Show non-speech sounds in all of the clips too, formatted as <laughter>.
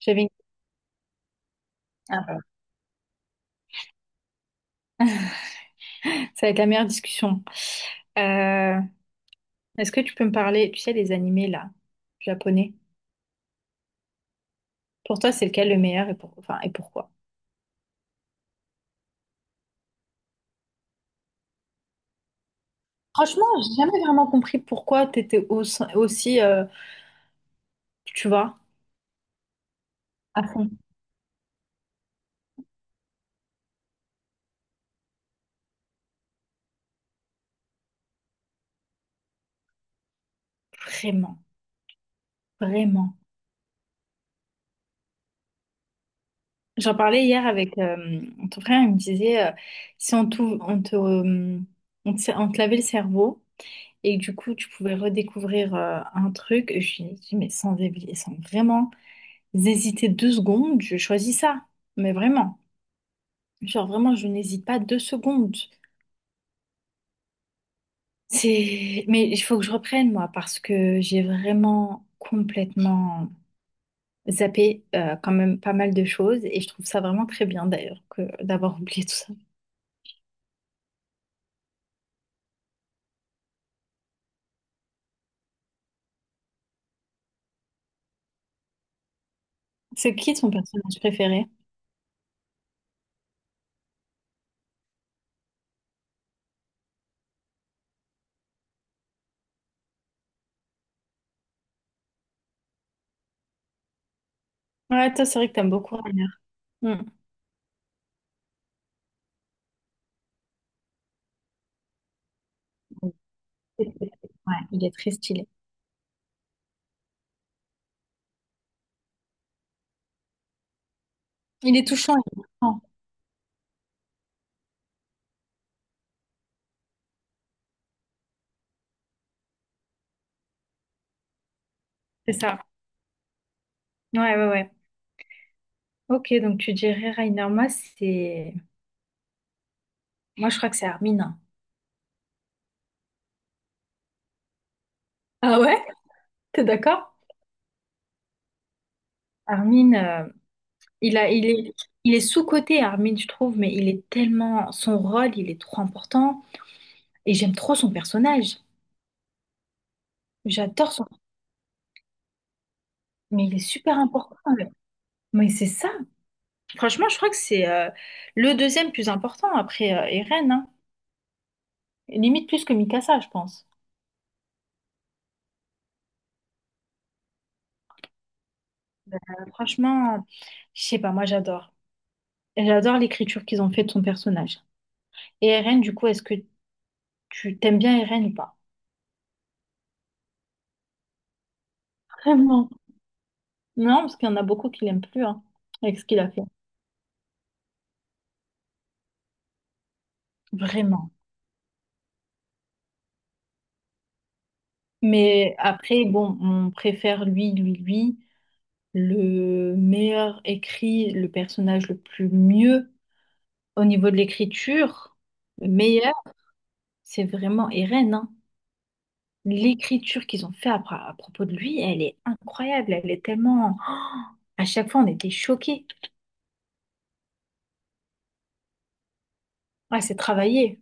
J'avais une... Ah bah. Ça va être la meilleure discussion. Euh, Est-ce que tu peux me parler, tu sais, des animés là, japonais? Pour toi, c'est lequel le meilleur et, enfin, et pourquoi? Franchement, j'ai jamais vraiment compris pourquoi aussi, tu vois, à fond. Vraiment, vraiment. J'en parlais hier avec ton frère, il me disait, si on te lavait le cerveau et que du coup, tu pouvais redécouvrir un truc, je lui ai dit, mais sans vraiment hésité deux secondes, je choisis ça. Mais vraiment, genre vraiment, je n'hésite pas deux secondes. Mais il faut que je reprenne moi parce que j'ai vraiment complètement zappé quand même pas mal de choses et je trouve ça vraiment très bien d'ailleurs que d'avoir oublié tout ça. C'est qui ton personnage préféré? Ouais, toi, c'est vrai que t'aimes beaucoup Rainer. Hmm. Ouais, il est très stylé. Il est touchant, il est touchant. C'est ça. Ouais, ouais, ouais. Ok, donc tu dirais Rainer. Moi, c'est. Moi, je crois que c'est Armin, hein. Ah ouais? T'es d'accord? Armin, euh, il est, il est sous-coté, Armin, je trouve, mais il est tellement, son rôle, il est trop important. Et j'aime trop son personnage. J'adore son, mais il est super important. Mais c'est ça. Franchement, je crois que c'est le deuxième plus important après Eren, hein. Limite plus que Mikasa, je pense. Ben, Franchement, je sais pas, moi j'adore. J'adore l'écriture qu'ils ont fait de son personnage. Et Eren, du coup, est-ce que tu t'aimes bien Eren ou pas? Vraiment. Non, parce qu'il y en a beaucoup qui l'aiment plus, hein, avec ce qu'il a fait. Vraiment. Mais après, bon, on préfère lui, lui, lui, le meilleur écrit, le personnage le plus mieux au niveau de l'écriture, le meilleur, c'est vraiment Eren, hein. L'écriture qu'ils ont fait à propos de lui, elle est incroyable, elle est tellement <gasps> oh à chaque fois, on était choqués. Ouais, c'est travaillé.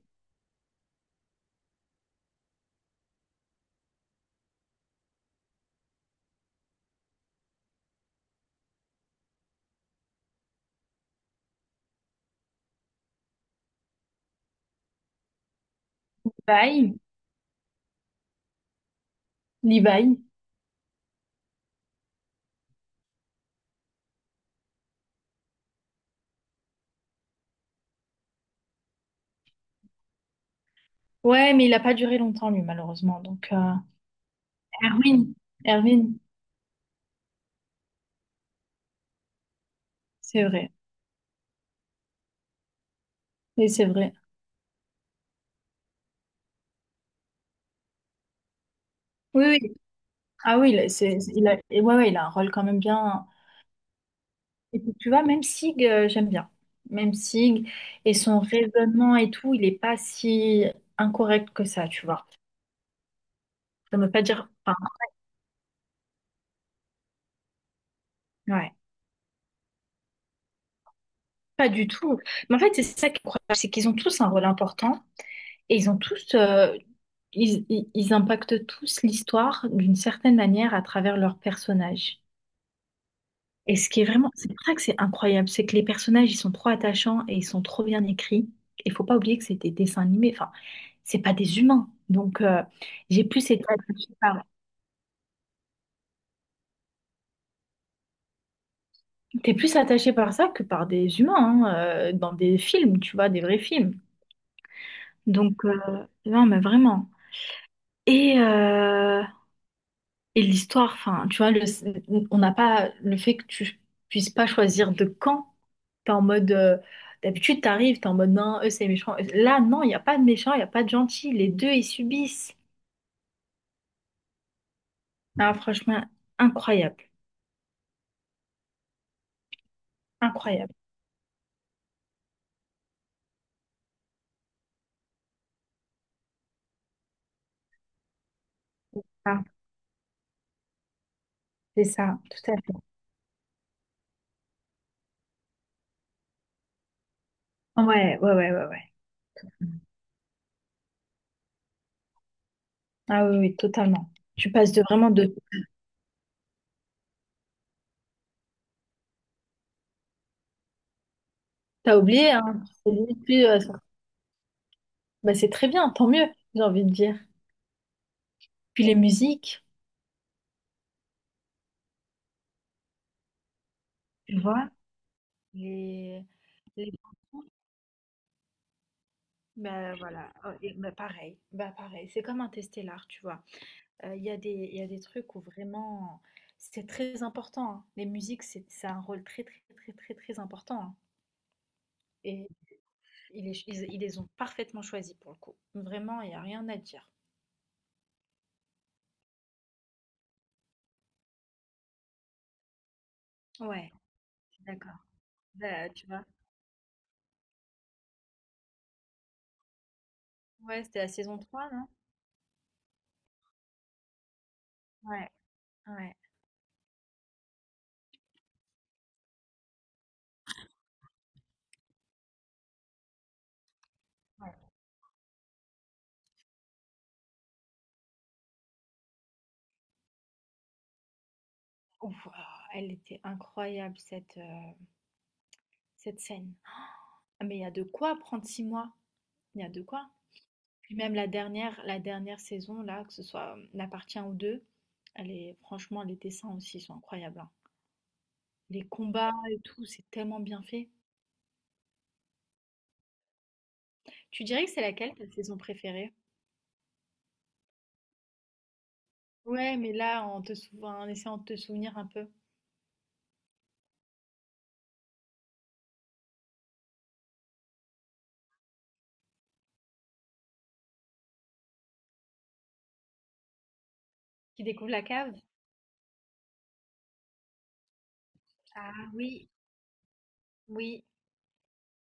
Bye, Levi. Ouais, mais il n'a pas duré longtemps, lui, malheureusement. Donc, Erwin, Erwin, c'est vrai. Oui, c'est vrai. Oui, oui, ah oui, il a- c'est- il a, et ouais, ouais, il a un rôle quand même bien. Et puis, tu vois, même Sig, j'aime bien. Même Sig et son raisonnement et tout, il n'est pas si incorrect que ça, tu vois. Ça ne veut pas dire. Enfin, ouais, pas du tout. Mais en fait, c'est ça qui est incroyable, c'est qu'ils ont tous un rôle important et ils ont tous. Ils, ils- ils impactent tous l'histoire d'une certaine manière à travers leurs personnages. Et ce qui est vraiment, c'est pour ça que c'est incroyable, c'est que les personnages, ils sont trop attachants et ils sont trop bien écrits. Il faut pas oublier que c'est des dessins animés, enfin, c'est pas des humains. Donc, j'ai plus été attachée par... T'es plus attaché par ça que par des humains, hein, dans des films, tu vois, des vrais films. Donc, non, mais vraiment. Et, euh, et l'histoire, enfin, tu vois, on n'a pas le fait que tu puisses pas choisir de camp. T'es en mode. D'habitude, t'arrives, t'es en mode non, eux c'est méchant. Là, non, il n'y a pas de méchant, il n'y a pas de gentil. Les deux, ils subissent. Ah, franchement, incroyable. Incroyable. Ah, c'est ça, tout à fait. Ouais, ouais, ouais, ouais, ouais. Ah oui, oui, totalement. Tu passes de vraiment de. T'as oublié, hein? C'est limite plus, ça- Bah, c'est très bien, tant mieux, j'ai envie de dire. Puis les musiques, tu vois, les. les- bah voilà. Oh, bah pareil, c'est comme un Interstellar, tu vois. Il y a des trucs où vraiment c'est très important, hein. Les musiques, c'est ça a un rôle très, très, très, très, très important, hein, et ils les ils ils les ont parfaitement choisis pour le coup. Vraiment, il y a rien à dire. Ouais, d'accord. Bah, tu vois? Ouais, c'était la saison 3 non? Ouais, ouais, ouais. Wouah! Elle était incroyable cette, cette scène. Ah mais il y a de quoi prendre 6 mois. Il y a de quoi. Puis même la dernière saison, là, que ce soit La Partien ou 2, elle est, franchement, les dessins aussi sont incroyables, hein. Les combats et tout, c'est tellement bien fait. Tu dirais que c'est laquelle ta saison préférée? Ouais, mais là, en te souvenant, en essayant de te souvenir un peu. Qui découvre la cave? Ah oui, oui.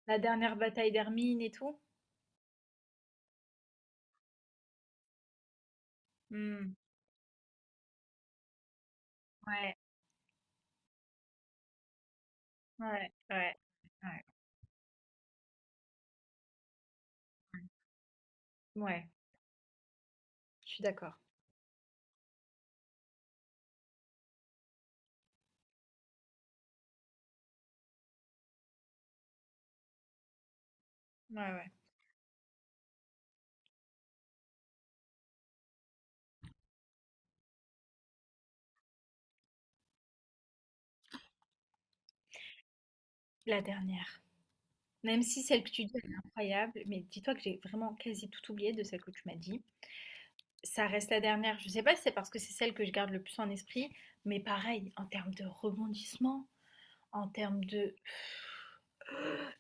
La dernière bataille d'Hermine et tout. Hmm, ouais, ouais, ouais, ouais, ouais. Je suis d'accord. Ouais, ouais. La dernière. Même si celle que tu dis, elle est incroyable, mais dis-toi que j'ai vraiment quasi tout oublié de celle que tu m'as dit. Ça reste la dernière. Je sais pas si c'est parce que c'est celle que je garde le plus en esprit, mais pareil, en termes de rebondissement, en termes de...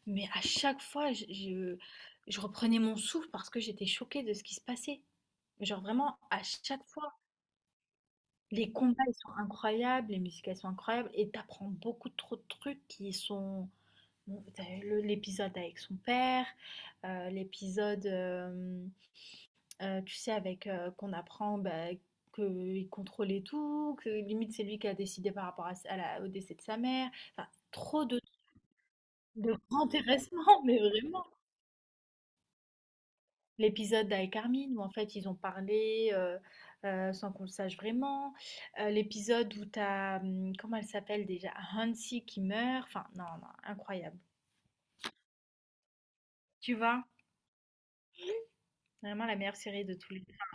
Mais à chaque fois, je reprenais mon souffle parce que j'étais choquée de ce qui se passait. Genre vraiment, à chaque fois, les combats, ils sont incroyables, les musiques, elles sont incroyables, et t'apprends beaucoup trop de trucs qui sont bon, t'as eu l'épisode avec son père, euh, l'épisode, euh, tu sais, avec qu'on apprend bah, qu'il contrôlait tout, que limite c'est lui qui a décidé par rapport au décès de sa mère. Enfin, trop de <laughs> grands intéressements, mais vraiment. L'épisode avec Armin, où en fait ils ont parlé sans qu'on le sache vraiment. L'épisode où t'as, comment elle s'appelle déjà, Hansi qui meurt. Enfin, non, non, incroyable. Tu vois, vraiment la meilleure série de tous les. Je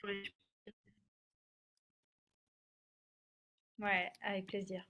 pourrais ouais, avec plaisir.